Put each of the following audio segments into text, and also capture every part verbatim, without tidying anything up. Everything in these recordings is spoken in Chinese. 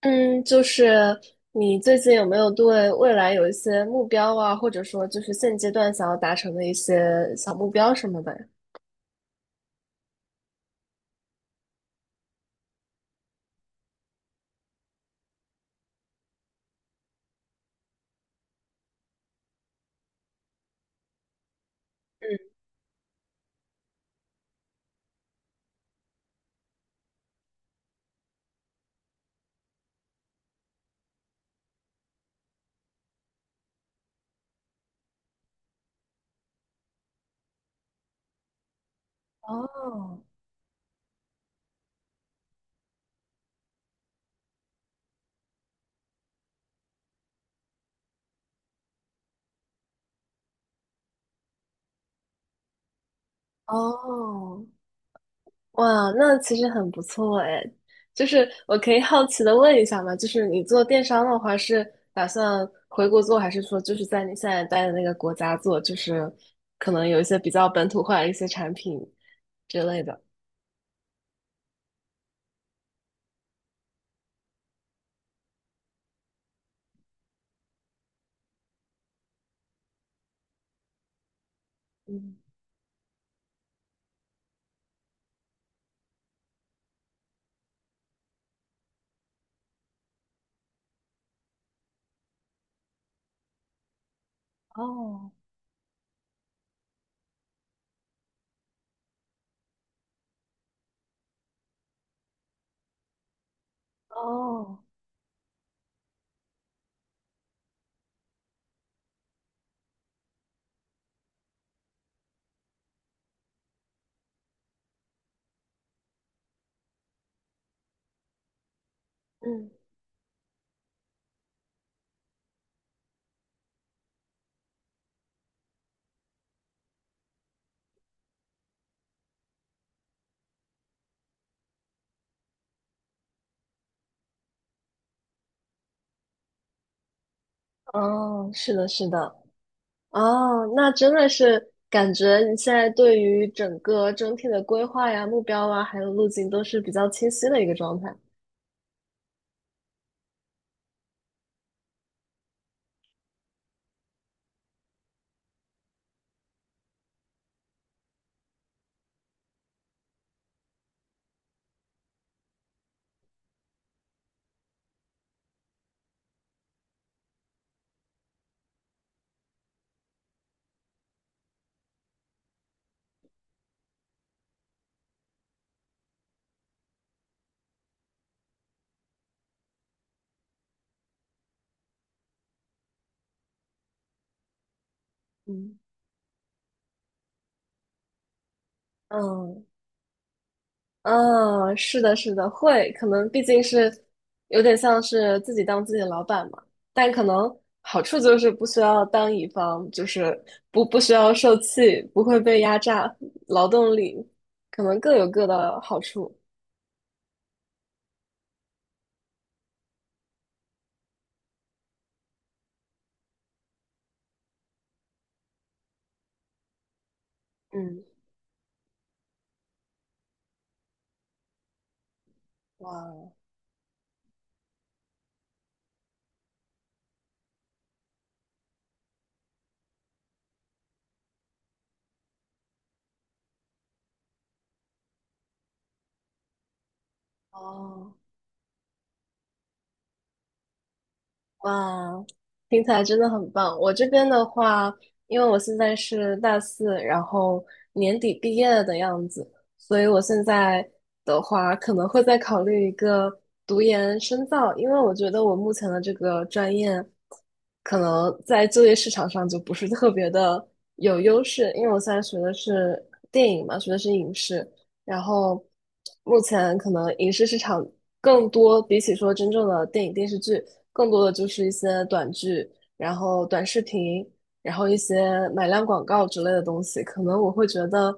嗯，就是你最近有没有对未来有一些目标啊，或者说就是现阶段想要达成的一些小目标什么的呀？哦哦，哇，那其实很不错哎。就是我可以好奇的问一下吗？就是你做电商的话，是打算回国做，还是说就是在你现在待的那个国家做？就是可能有一些比较本土化的一些产品之类的。嗯，哦哦。嗯，哦，是的，是的，哦，那真的是感觉你现在对于整个整体的规划呀、目标啊，还有路径都是比较清晰的一个状态。嗯嗯，哦，是的，是的，会，可能毕竟是有点像是自己当自己的老板嘛，但可能好处就是不需要当乙方，就是不不需要受气，不会被压榨，劳动力可能各有各的好处。嗯，哇，哦。哇，听起来真的很棒。我这边的话，因为我现在是大四，然后年底毕业的样子，所以我现在的话可能会再考虑一个读研深造，因为我觉得我目前的这个专业可能在就业市场上就不是特别的有优势，因为我现在学的是电影嘛，学的是影视，然后目前可能影视市场更多，比起说真正的电影电视剧，更多的就是一些短剧，然后短视频，然后一些买量广告之类的东西。可能我会觉得，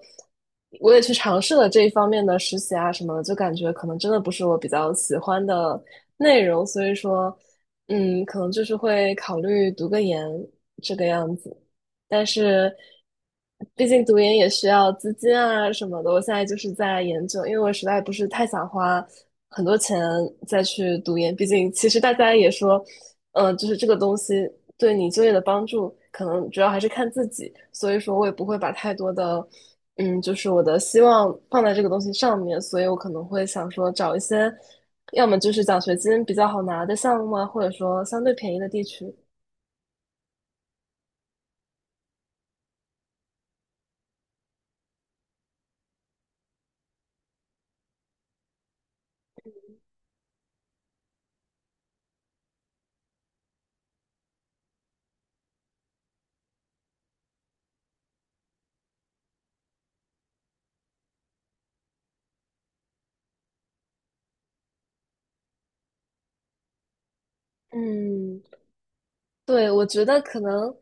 我也去尝试了这一方面的实习啊什么的，就感觉可能真的不是我比较喜欢的内容，所以说，嗯，可能就是会考虑读个研这个样子。但是毕竟读研也需要资金啊什么的。我现在就是在研究，因为我实在不是太想花很多钱再去读研。毕竟其实大家也说，嗯、呃就是这个东西对你就业的帮助，可能主要还是看自己。所以说我也不会把太多的，嗯，就是我的希望放在这个东西上面。所以我可能会想说找一些。要么就是奖学金比较好拿的项目啊，或者说相对便宜的地区。嗯，对，我觉得可能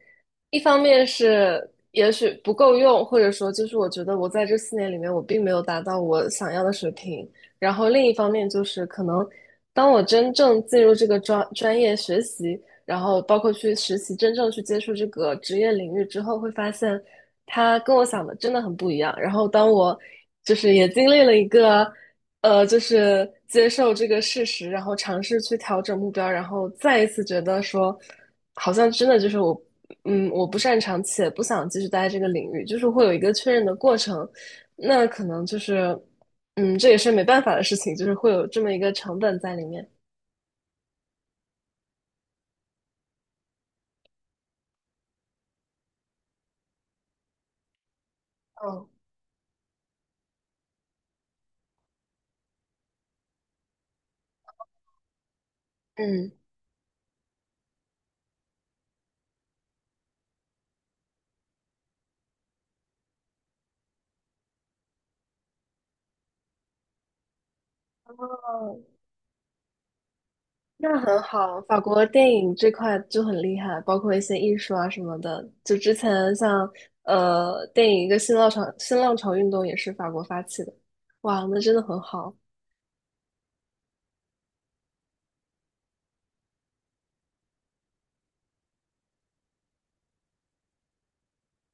一方面是也许不够用，或者说就是我觉得我在这四年里面我并没有达到我想要的水平。然后另一方面就是可能当我真正进入这个专专业学习，然后包括去实习，真正去接触这个职业领域之后，会发现它跟我想的真的很不一样。然后当我就是也经历了一个，呃，就是接受这个事实，然后尝试去调整目标，然后再一次觉得说，好像真的就是我，嗯，我不擅长且不想继续待在这个领域，就是会有一个确认的过程。那可能就是，嗯，这也是没办法的事情，就是会有这么一个成本在里面。嗯。嗯。那很好，法国电影这块就很厉害，包括一些艺术啊什么的。就之前像呃电影一个新浪潮新浪潮运动也是法国发起的，哇，那真的很好。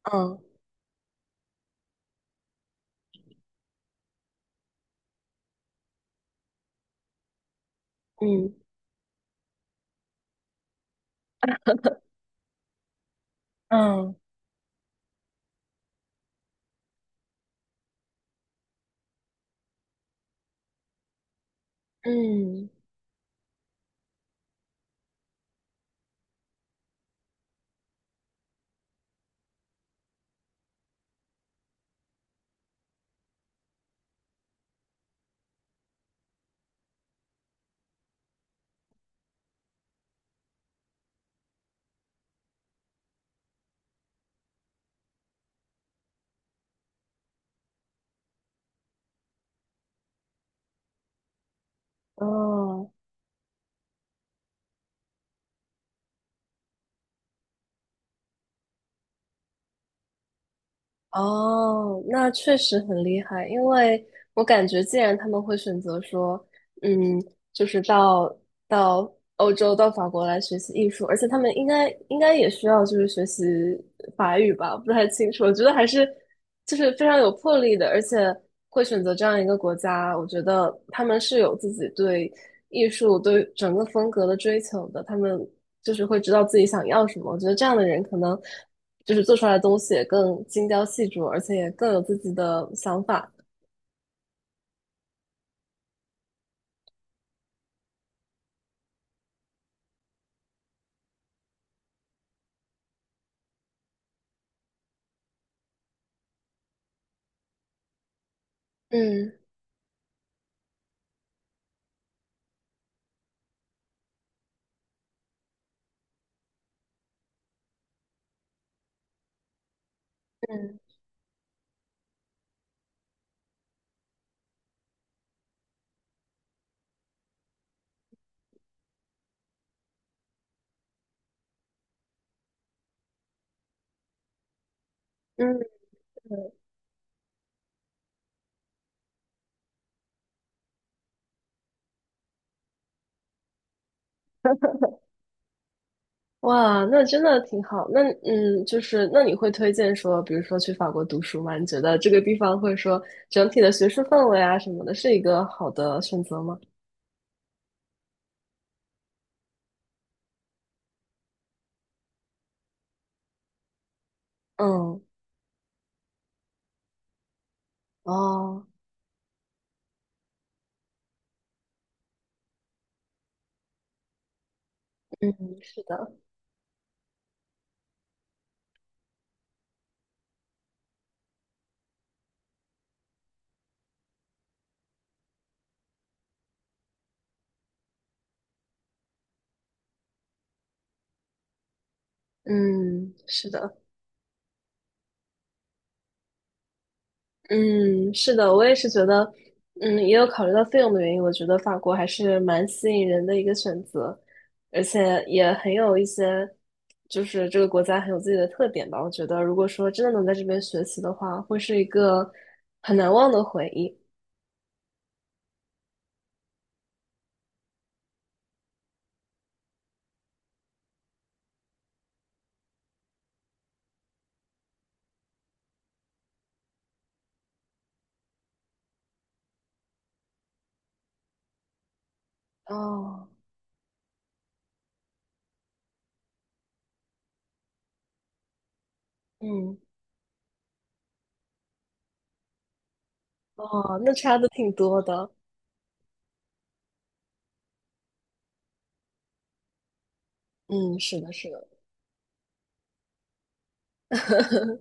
嗯嗯嗯嗯，哦。哦，那确实很厉害，因为我感觉，既然他们会选择说，嗯，就是到到欧洲、到法国来学习艺术，而且他们应该应该也需要就是学习法语吧，不太清楚。我觉得还是就是非常有魄力的，而且会选择这样一个国家，我觉得他们是有自己对艺术对整个风格的追求的，他们就是会知道自己想要什么。我觉得这样的人可能就是做出来的东西也更精雕细琢，而且也更有自己的想法。嗯嗯嗯，哇，那真的挺好。那嗯，就是那你会推荐说，比如说去法国读书吗？你觉得这个地方会说整体的学术氛围啊什么的，是一个好的选择吗？嗯，哦，嗯，是的，嗯，是的。嗯，是的，我也是觉得，嗯，也有考虑到费用的原因，我觉得法国还是蛮吸引人的一个选择，而且也很有一些，就是这个国家很有自己的特点吧。我觉得，如果说真的能在这边学习的话，会是一个很难忘的回忆。哦，嗯，哦，那差的挺多的。嗯，是的，是的。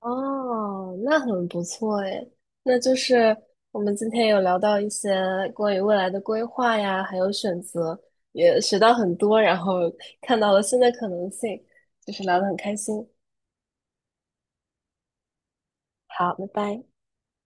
哦，那很不错诶。那就是我们今天有聊到一些关于未来的规划呀，还有选择，也学到很多，然后看到了新的可能性，就是聊得很开心。好，拜拜。